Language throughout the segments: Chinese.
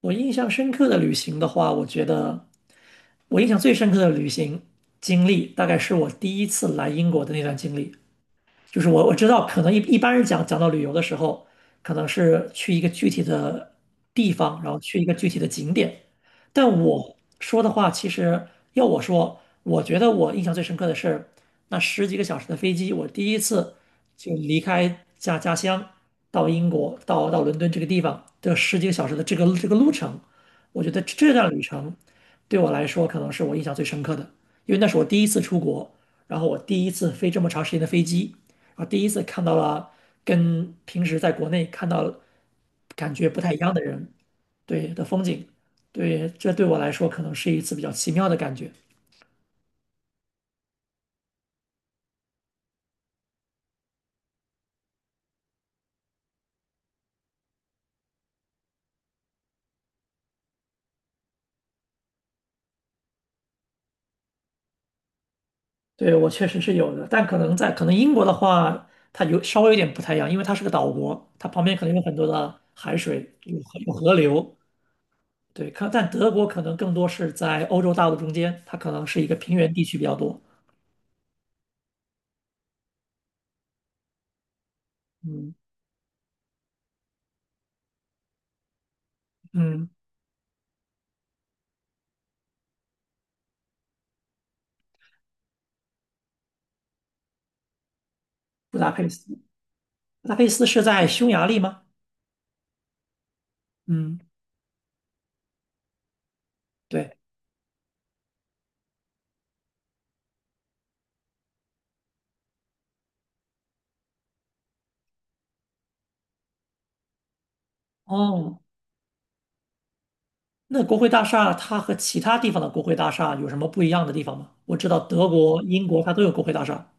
我印象深刻的旅行的话，我觉得我印象最深刻的旅行经历，大概是我第一次来英国的那段经历。就是我知道，可能一般人讲到旅游的时候，可能是去一个具体的地方，然后去一个具体的景点。但我说的话，其实要我说，我觉得我印象最深刻的是那十几个小时的飞机，我第一次就离开家乡到英国，到伦敦这个地方的十几个小时的这个路程，我觉得这段旅程对我来说可能是我印象最深刻的，因为那是我第一次出国，然后我第一次飞这么长时间的飞机。然后第一次看到了跟平时在国内看到感觉不太一样的人，对，的风景，对，这对我来说可能是一次比较奇妙的感觉。对，我确实是有的，但可能英国的话，它有稍微有点不太一样，因为它是个岛国，它旁边可能有很多的海水，有河流。对，但德国可能更多是在欧洲大陆中间，它可能是一个平原地区比较多。嗯嗯，布达佩斯，布达佩斯是在匈牙利吗？嗯，对，哦，那国会大厦它和其他地方的国会大厦有什么不一样的地方吗？我知道德国、英国它都有国会大厦。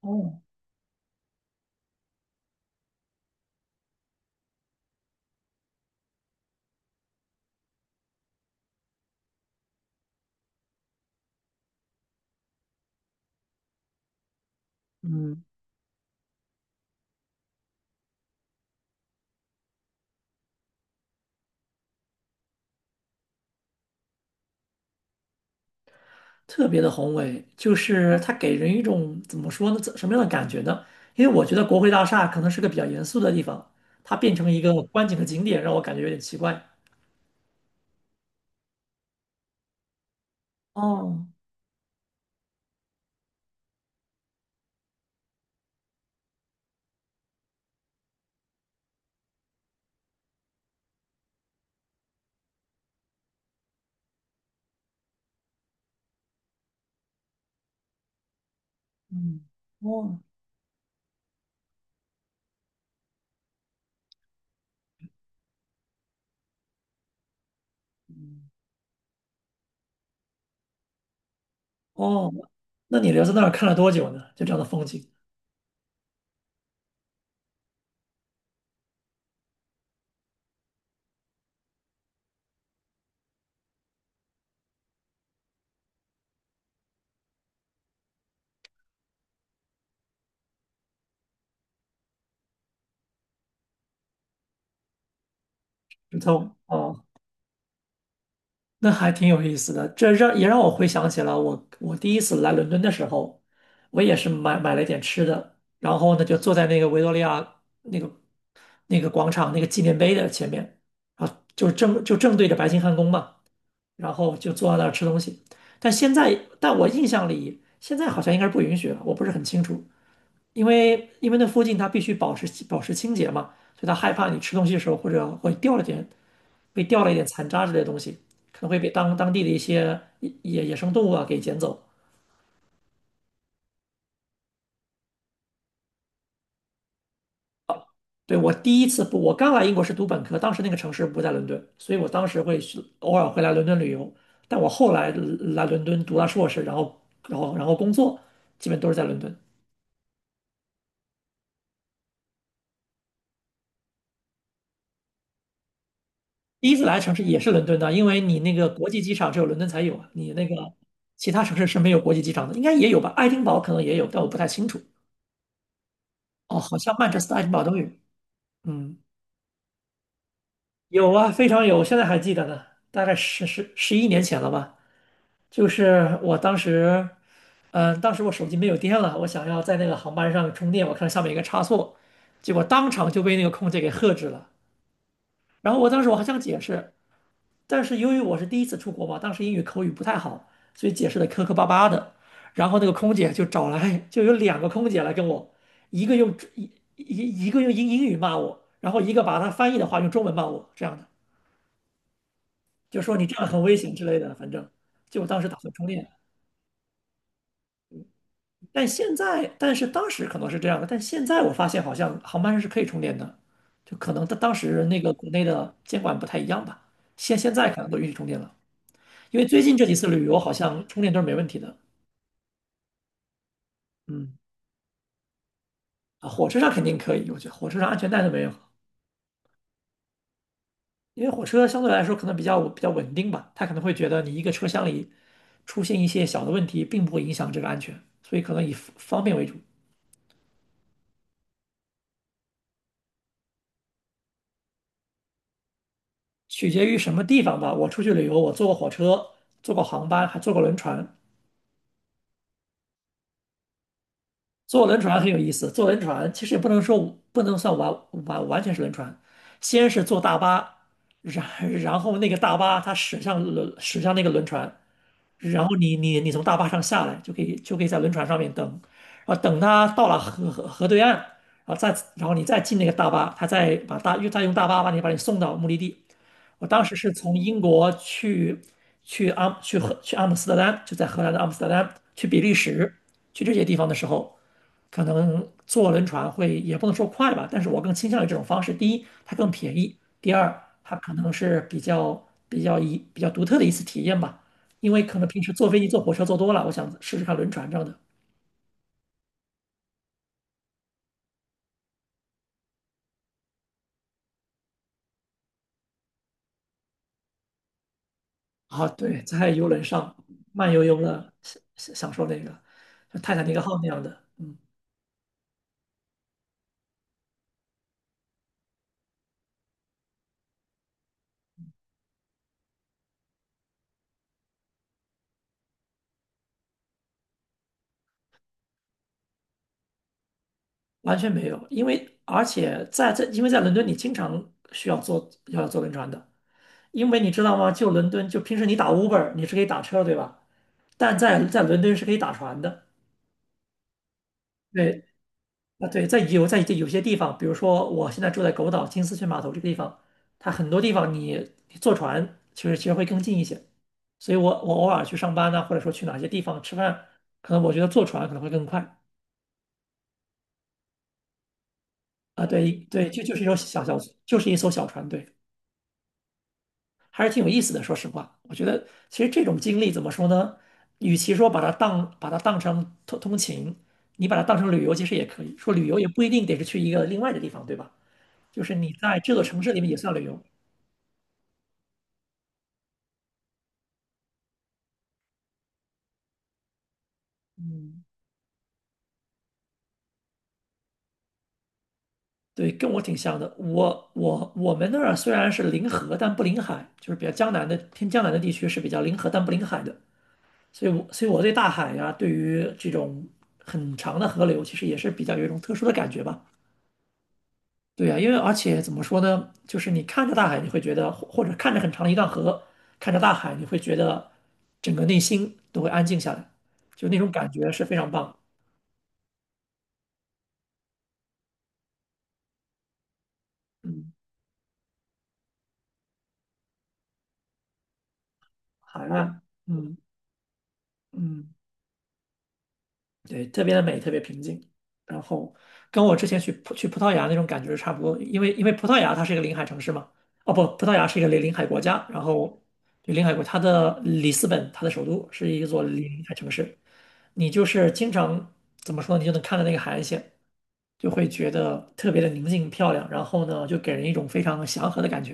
哦，嗯，特别的宏伟，就是它给人一种怎么说呢，什么样的感觉呢？因为我觉得国会大厦可能是个比较严肃的地方，它变成一个观景的景点，让我感觉有点奇怪。哦，嗯，哦，哦，那你留在那儿看了多久呢？就这样的风景，就错，哦。那还挺有意思的，也让我回想起了我第一次来伦敦的时候，我也是买了一点吃的，然后呢就坐在那个维多利亚那个那个广场那个纪念碑的前面，啊，后就正就正对着白金汉宫嘛，然后就坐在那儿吃东西。但现在，但我印象里现在好像应该是不允许了，我不是很清楚，因为那附近它必须保持清洁嘛，所以他害怕你吃东西的时候或者会掉了点被掉了一点残渣之类的东西，可能会被当地的一些野生动物啊给捡走。对，我第一次不，我刚来英国是读本科，当时那个城市不在伦敦，所以我当时偶尔会来伦敦旅游。但我后来来伦敦读了硕士，然后工作，基本都是在伦敦。第一次来的城市也是伦敦的，因为你那个国际机场只有伦敦才有啊，你那个其他城市是没有国际机场的，应该也有吧？爱丁堡可能也有，但我不太清楚。哦，好像曼彻斯特、爱丁堡都有。嗯。有啊，非常有，我现在还记得呢，大概十一年前了吧。就是我当时，当时我手机没有电了，我想要在那个航班上充电，我看上面有个插座，结果当场就被那个空姐给喝止了。然后我当时我还想解释，但是由于我是第一次出国嘛，当时英语口语不太好，所以解释的磕磕巴巴的。然后那个空姐就找来，就有2个空姐来跟我，一个用一一个用英语骂我，然后一个把她翻译的话用中文骂我，这样的。就说你这样很危险之类的，反正就我当时打算充电，但现在，但是当时可能是这样的，但现在我发现好像航班上是可以充电的，就可能他当时那个国内的监管不太一样吧，现在可能都允许充电了，因为最近这几次旅游好像充电都是没问题的。嗯，啊，火车上肯定可以，我觉得火车上安全带都没有，因为火车相对来说可能比较稳定吧，他可能会觉得你一个车厢里出现一些小的问题，并不会影响这个安全，所以可能以方便为主，取决于什么地方吧。我出去旅游，我坐过火车，坐过航班，还坐过轮船。坐轮船很有意思，坐轮船其实也不能说不能算完全是轮船，先是坐大巴，然 然后那个大巴它驶向那个轮船，然后你从大巴上下来就可以在轮船上面等，啊等它到了河对岸，然后再然后你再进那个大巴，它再把大又再用大巴把你送到目的地。我当时是从英国去阿姆斯特丹，就在荷兰的阿姆斯特丹，去比利时，去这些地方的时候，可能坐轮船会也不能说快吧，但是我更倾向于这种方式。第一，它更便宜；第二，它可能是比较独特的一次体验吧，因为可能平时坐飞机、坐火车坐多了，我想试试看轮船这样的。啊，对，在游轮上慢悠悠的享受那个像泰坦尼克号那样的，嗯。完全没有，因为在伦敦你经常需要坐轮船的，因为你知道吗？就伦敦，就平时你打 Uber 你是可以打车，对吧？但在伦敦是可以打船的。对啊，对，在有些地方，比如说我现在住在狗岛金丝雀码头这个地方，它很多地方你坐船其实会更近一些。所以我偶尔去上班呢，或者说去哪些地方吃饭，可能我觉得坐船可能会更快啊。对对，就是一艘小船，对。还是挺有意思的。说实话，我觉得其实这种经历怎么说呢？与其说把它当成通勤，你把它当成旅游其实也可以。说旅游也不一定得是去一个另外的地方，对吧？就是你在这座城市里面也算旅游。对，跟我挺像的。我们那儿虽然是临河，但不临海，就是比较江南的偏江南的地区是比较临河但不临海的。所以我对大海呀、对于这种很长的河流，其实也是比较有一种特殊的感觉吧。对呀，因为而且怎么说呢，就是你看着大海，你会觉得，或者看着很长的一段河，看着大海，你会觉得整个内心都会安静下来，就那种感觉是非常棒。嗯，海岸，嗯嗯。对，特别的美，特别平静。然后跟我之前去葡萄牙那种感觉是差不多，因为葡萄牙它是一个临海城市嘛，哦不，葡萄牙是一个临海国家，然后对临海国，它的里斯本，它的首都是一座临海城市，你就是经常怎么说，你就能看到那个海岸线，就会觉得特别的宁静漂亮，然后呢，就给人一种非常祥和的感觉，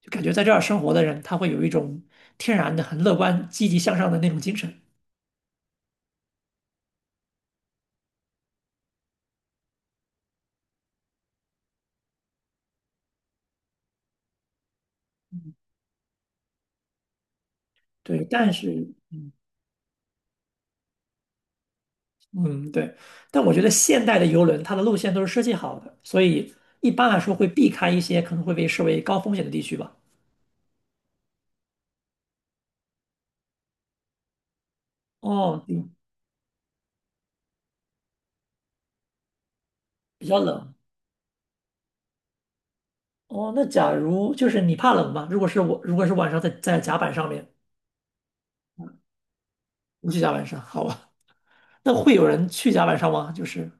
就感觉在这儿生活的人，他会有一种天然的很乐观、积极向上的那种精神。对，但是。嗯嗯，对，但我觉得现代的游轮它的路线都是设计好的，所以一般来说会避开一些可能会被视为高风险的地区吧。哦，比较冷。哦，那假如就是你怕冷吗？如果是我，如果是晚上在甲板上面，不去甲板上，好吧？那会有人去甲板上吗？就是，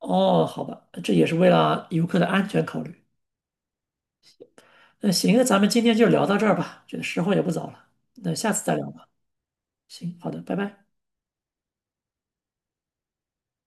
哦，好吧，这也是为了游客的安全考虑。那行，那咱们今天就聊到这儿吧，觉得时候也不早了，那下次再聊吧。行，好的，拜拜。